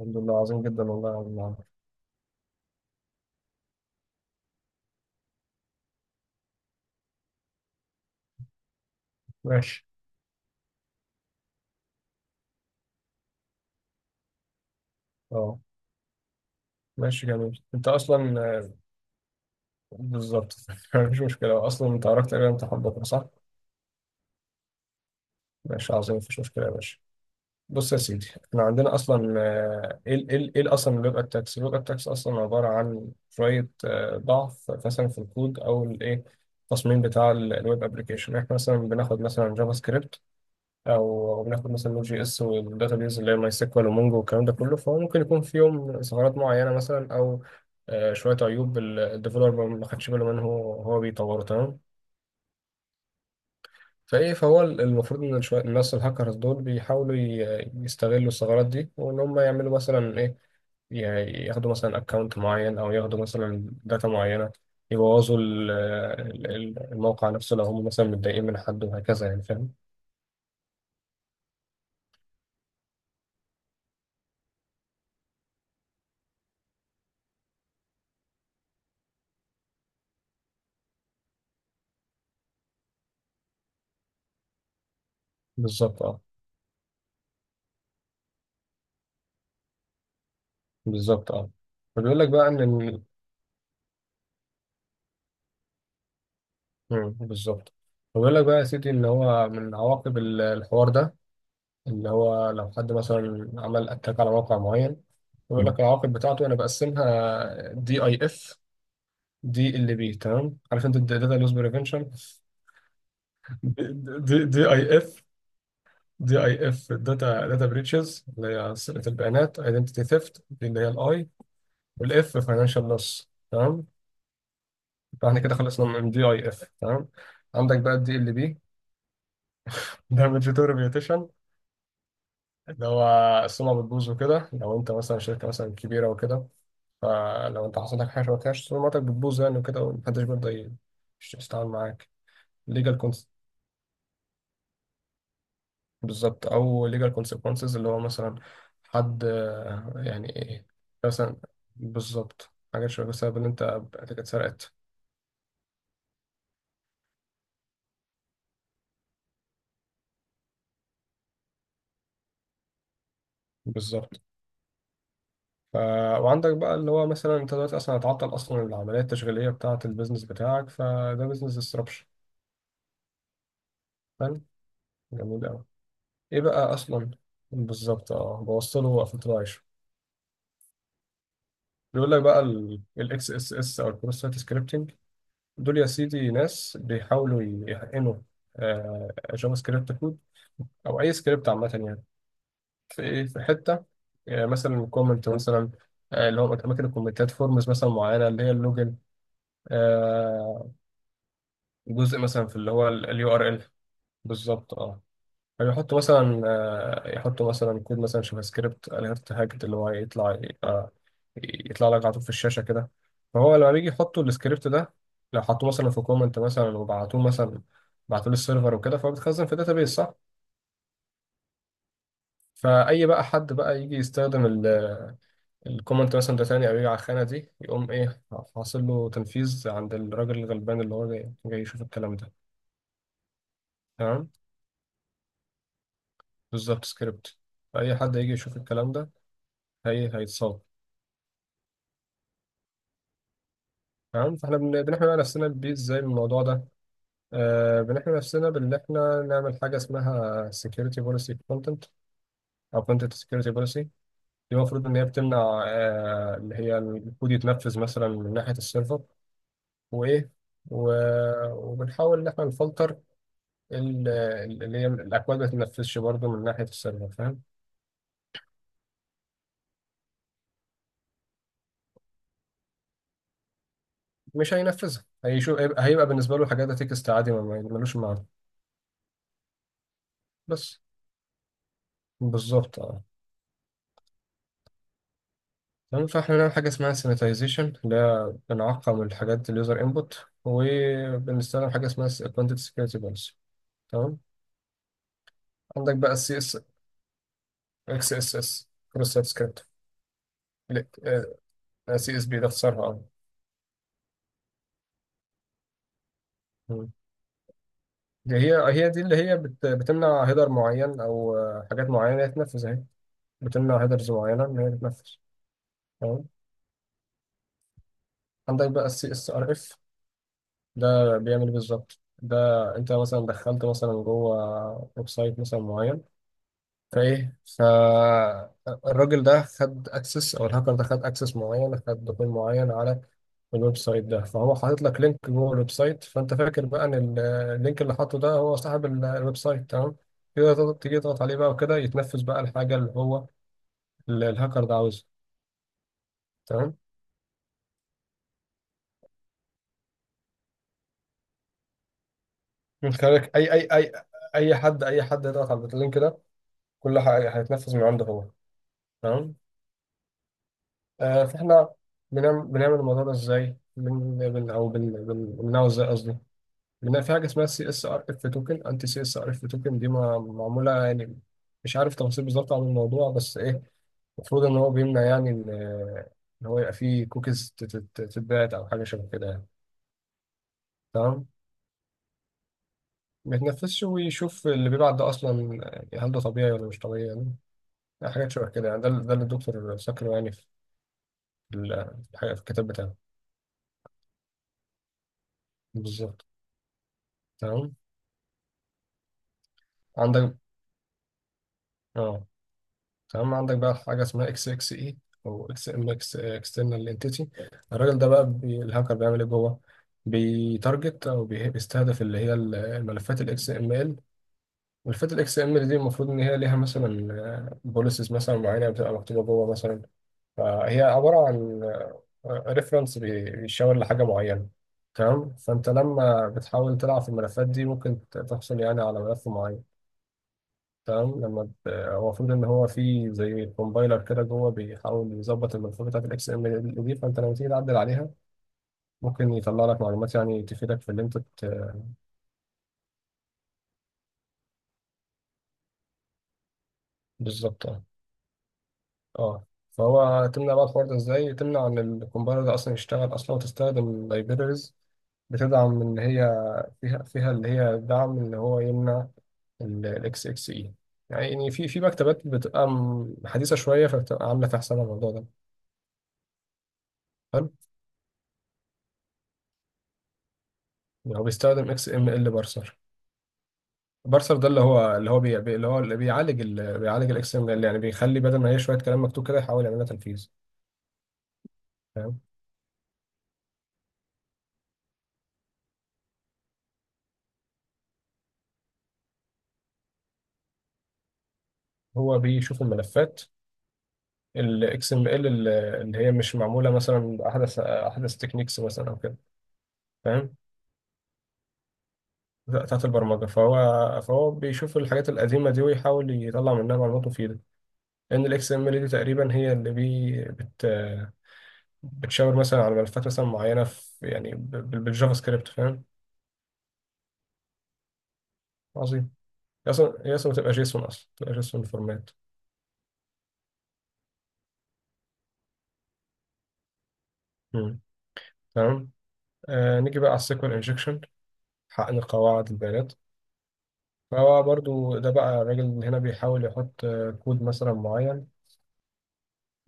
الحمد لله، عظيم جدا والله يا عم عمرو. ماشي. اه. ماشي، جميل. انت اصلا بالظبط. مفيش مشكله اصلا. انت عرفت تقريبا، امتحان بكره صح؟ ماشي، عظيم، مفيش مشكله يا باشا. بص يا سيدي، احنا عندنا اصلا ايه اصلا اللوج اتاكس؟ اللوج اتاكس اصلا عباره عن شويه ضعف مثلا في الكود او الايه، التصميم بتاع الويب ابلكيشن. احنا مثلا بناخد مثلا جافا سكريبت او بناخد مثلا نوت جي اس، والداتابيز اللي هي ماي سيكوال ومونجو والكلام ده كله. فهو ممكن يكون فيهم ثغرات معينه مثلا، او شويه عيوب الديفلوبر ما خدش باله منه وهو بيطوره. تمام. فايه، فهو المفروض ان شويه الناس الهاكرز دول بيحاولوا يستغلوا الثغرات دي، وان هم يعملوا مثلا ايه، ي- ياخدوا مثلا اكونت معين، او ياخدوا مثلا داتا معينه، يبوظوا الموقع نفسه لو هم مثلا متضايقين من حد، وهكذا يعني. فاهم؟ بالظبط. اه بالظبط اه. فبيقول لك بقى ان بالظبط، ويقول لك بقى يا سيدي ان هو من عواقب الحوار ده، اللي هو لو حد مثلا عمل اتاك على موقع معين، يقول لك العواقب بتاعته. انا بقسمها: دي اي اف، دي ال بي. تمام؟ عارف انت الداتا لوس بريفنشن. دي دي اي اف. دي اي اف داتا، بريتشز اللي هي سرقة البيانات، ايدنتيتي ثيفت دي اللي هي الاي، والاف فاينانشال لوس. تمام. فاحنا كده خلصنا من دي اي اف. تمام. عندك بقى الدي ال بي، دامج تو، اللي هو السمعة بتبوظ وكده. لو انت مثلا شركة مثلا كبيرة وكده، فلو انت حصل لك حاجة شبه كده سمعتك بتبوظ يعني وكده، ومحدش بيرضى يتعامل معاك. ليجال كونس، بالظبط، او ليجال كونسيكونسز، اللي هو مثلا حد يعني ايه، مثلا بالظبط، حاجات شبه كده بسبب ان انت بتاعتك اتسرقت. بالظبط. ف... وعندك بقى اللي هو مثلا انت دلوقتي اصلا هتعطل اصلا العملية التشغيلية بتاعة البيزنس بتاعك، فده بيزنس ديسربشن. فاهم؟ جميل أوي. ايه بقى اصلا، بالظبط اه، بوصله وقفلت له عايشه. بيقول لك بقى الاكس اس اس، او البروسيس سكريبتنج. دول يا سيدي ناس بيحاولوا يحقنوا جافا سكريبت كود، او اي سكريبت عامه يعني، في ايه، في حته مثلا كومنت مثلا، اللي هو اماكن الكومنتات، فورمز مثلا معينه اللي هي اللوجن، آه، جزء مثلا في اللي هو اليو ار ال. بالظبط اه. فيحطوا مثلا يحطوا مثلا كود مثلا جافا سكريبت اليرت هاجت، اللي هو يطلع يطلع لك على طول في الشاشة كده. فهو لما بيجي يحطوا السكريبت ده، لو حطوه مثلا في كومنت مثلا وبعتوه مثلا، بعتوه للسيرفر وكده، فهو بيتخزن في داتابيس صح. فأي بقى حد بقى يجي يستخدم الكومنت مثلا ده تاني، أو يجي على الخانة دي، يقوم إيه، حاصل له تنفيذ عند الراجل الغلبان اللي هو جاي, يشوف الكلام ده. تمام، بالظبط، سكريبت. فأي حد يجي يشوف الكلام ده هي هيتصاب. تمام. فاحنا بنحمي بقى نفسنا بيه ازاي من الموضوع ده؟ بنحمي نفسنا بان احنا نعمل حاجه اسمها security policy content، او content security policy. دي المفروض ان هي بتمنع اللي هي الكود يتنفذ مثلا من ناحيه السيرفر، وايه، وبنحاول ان احنا نفلتر ال- اللي هي الاكواد ما تتنفذش برضه من ناحيه السيرفر. فاهم؟ مش هينفذها، هيشوف، هيبقى بالنسبه له الحاجات ده تكست عادي، ملوش معنى بس. بالظبط اه. تمام. فاحنا بنعمل حاجة اسمها سيناتيزيشن، ده بنعقم الحاجات، اليوزر انبوت، وبنستخدم حاجة اسمها كونتنت سكيورتي بوليسي. تمام. عندك بقى السي اس، اكس اس اس، كروس سايت سكريبت. سي اس بي ده اختصارها اه. مم. دي هي، هي دي اللي هي بتمنع هيدر معين، او حاجات معينة تتنفذ اهي، بتمنع هيدرز معينة ان هي تتنفذ. تمام. عندك بقى السي اس ار اف. ده بيعمل إيه بالظبط ده؟ انت مثلا دخلت مثلا جوه ويب سايت مثلا معين، ايه، فالراجل ده خد اكسس، او الهاكر ده خد اكسس معين، خد دخول معين على الويب سايت ده، فهو حاطط لك لينك جوه الويب سايت. فانت فاكر بقى ان اللينك اللي حاطه ده هو صاحب الويب سايت. تمام كده، تيجي تضغط عليه بقى وكده، يتنفذ بقى الحاجه اللي هو الهاكر ده عاوزها. تمام. من خلالك، اي، اي حد، اي حد يضغط على اللينك ده كل حاجه هيتنفذ من عنده هو. تمام. آه فاحنا بنعمل الموضوع ده ازاي، بن بن او بن بن- بنمنعه ازاي قصدي. لان في حاجه اسمها سي اس ار اف توكن، انتي سي اس ار اف توكن، دي معموله يعني، مش عارف تفاصيل بالظبط عن الموضوع، بس ايه، المفروض ان هو بيمنع يعني ان، إن هو يبقى فيه كوكيز تتباعت او حاجه شبه كده يعني. تمام. ما يتنفذش ويشوف اللي بيبعت ده اصلا، يعني هل ده طبيعي ولا مش طبيعي يعني. يعني حاجات شبه كده يعني. ده ده اللي الدكتور ذكره يعني في في الحاجه، في الكتاب بتاعه. بالظبط. تمام. عندك اه. تمام. عندك بقى حاجة اسمها اكس اكس اي، او اكس ام اكس اكسترنال انتيتي. الراجل ده بقى بي الهاكر بيعمل ايه جوه، بيتارجت او بيستهدف اللي هي الملفات الاكس ام ال. ملفات الاكس ام ال دي المفروض ان هي ليها مثلا بوليسز مثلا معينة بتبقى مكتوبة جوه مثلا، فهي عبارة عن ريفرنس بيشاور لحاجة معينة. تمام. فانت لما بتحاول تلعب في الملفات دي ممكن تحصل يعني على ملف معين. تمام. هو المفروض ان هو في زي كومبايلر كده جوه بيحاول يظبط الملفات بتاعت الاكس ام دي، فانت لما تيجي تعدل عليها ممكن يطلع لك معلومات يعني تفيدك في اللي انت بالظبط اه. اه. فهو تمنع بقى الحوار ده ازاي؟ تمنع ان الكومبايلر ده اصلا يشتغل اصلا، وتستخدم لايبريز بتدعم ان هي فيها اللي هي دعم ان هو يمنع الاكس اكس اي. يعني في، في مكتبات بتبقى حديثه شويه، فبتبقى عامله في حساب الموضوع ده. حلو. يعني هو بيستخدم اكس ام ال بارسر. بارسر ده اللي هو اللي هو اللي بيعالج بيعالج الاكسل اللي يعني بيخلي، بدل ما هي شويه كلام مكتوب كده، يحاول يعملها تنفيذ. فاهم؟ هو بيشوف الملفات الاكس ام ال اللي هي مش معموله مثلا احدث تكنيكس مثلا او كده، فاهم، بتاعت البرمجه. فهو، فهو بيشوف الحاجات القديمه دي ويحاول يطلع منها معلومات مفيده. لان الاكس ام ال دي تقريبا هي اللي بتشاور مثلا على ملفات مثلا معينه في يعني بالجافا سكريبت. فاهم؟ عظيم. هي اصلا، هي اصلا بتبقى جيسون فورمات. مم. تمام. آه، نيجي بقى على السيكوال انجكشن، حقن قواعد البيانات. فهو برضو ده بقى، الراجل هنا بيحاول يحط كود مثلا معين،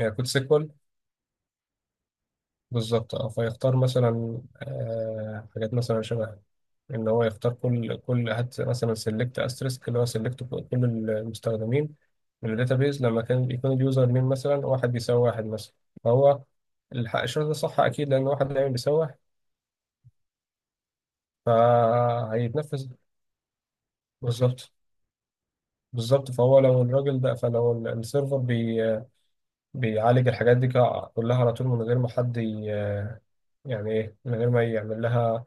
كود سيكوال. بالظبط اه. فيختار مثلا آه حاجات مثلا شبه ان هو يختار كل، هات مثلا سيلكت استريسك اللي هو سيلكت كل المستخدمين من الداتابيز، لما كان يكون اليوزر نيم مثلا واحد بيساوي واحد مثلا. فهو الشرط ده صح اكيد، لان واحد دايما بيساوي واحد، فهيتنفذ. بالظبط. بالظبط. فهو لو الراجل ده، فلو السيرفر بيعالج الحاجات دي كلها على طول من غير ما حد يعني ايه، من غير ما يعمل لها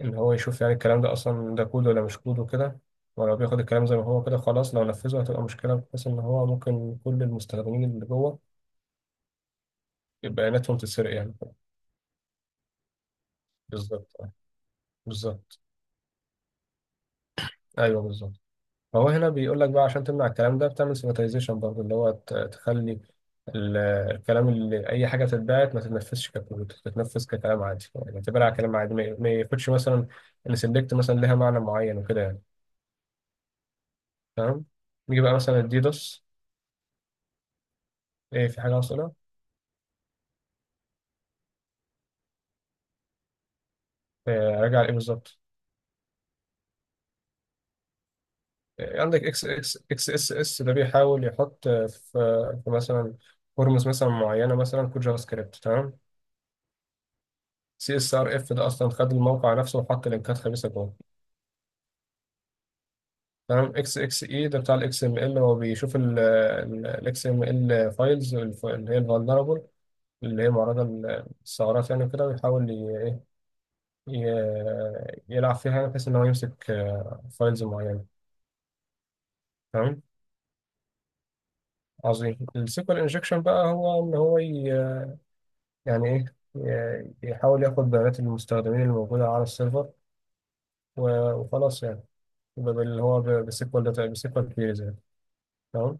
ان هو يشوف يعني الكلام ده اصلا ده كود ولا مش كود وكده، ولو بياخد الكلام زي ما هو كده خلاص، لو نفذه هتبقى مشكلة، بحيث ان هو ممكن كل المستخدمين اللي جوه بياناتهم تتسرق يعني. بالظبط بالظبط. ايوه بالظبط. فهو هنا بيقول لك بقى، عشان تمنع الكلام ده بتعمل سيماتيزيشن برضه، اللي هو تخلي ال- الكلام، اللي اي حاجه بتتبعت ما تتنفذش ككود، تتنفذ ككلام عادي، يعني اعتبرها كلام عادي، ما ياخدش مثلا ان سيلكت مثلا لها معنى معين وكده يعني. تمام. نيجي بقى مثلا الديدوس. ايه، في حاجه حاصله؟ راجع على ايه بالظبط؟ إيه، عندك اكس اكس، اكس اس اس ده بيحاول يحط في مثلا فورمز مثلا معينه مثلا كود جافا سكريبت. تمام. سي اس ار اف ده اصلا خد الموقع نفسه وحط لينكات خبيثه جوه. تمام. اكس اكس اي ده بتاع الاكس ام ال، هو بيشوف الاكس ام ال فايلز اللي هي الفولنربل، اللي هي معرضة للثغرات يعني كده، ويحاول إيه، يلعب فيها يعني، بحيث ان هو يمسك فايلز معينة. تمام. عظيم. السيكوال انجكشن بقى، هو ان هو يعني ايه، يحاول ياخد بيانات المستخدمين الموجودة على السيرفر و- وخلاص يعني، بسيكوال داتا، بسيكوال كيريز يعني. تمام.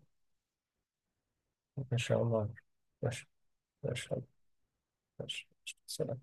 ان شاء الله. ماشي. ماشي. ماشي. سلام.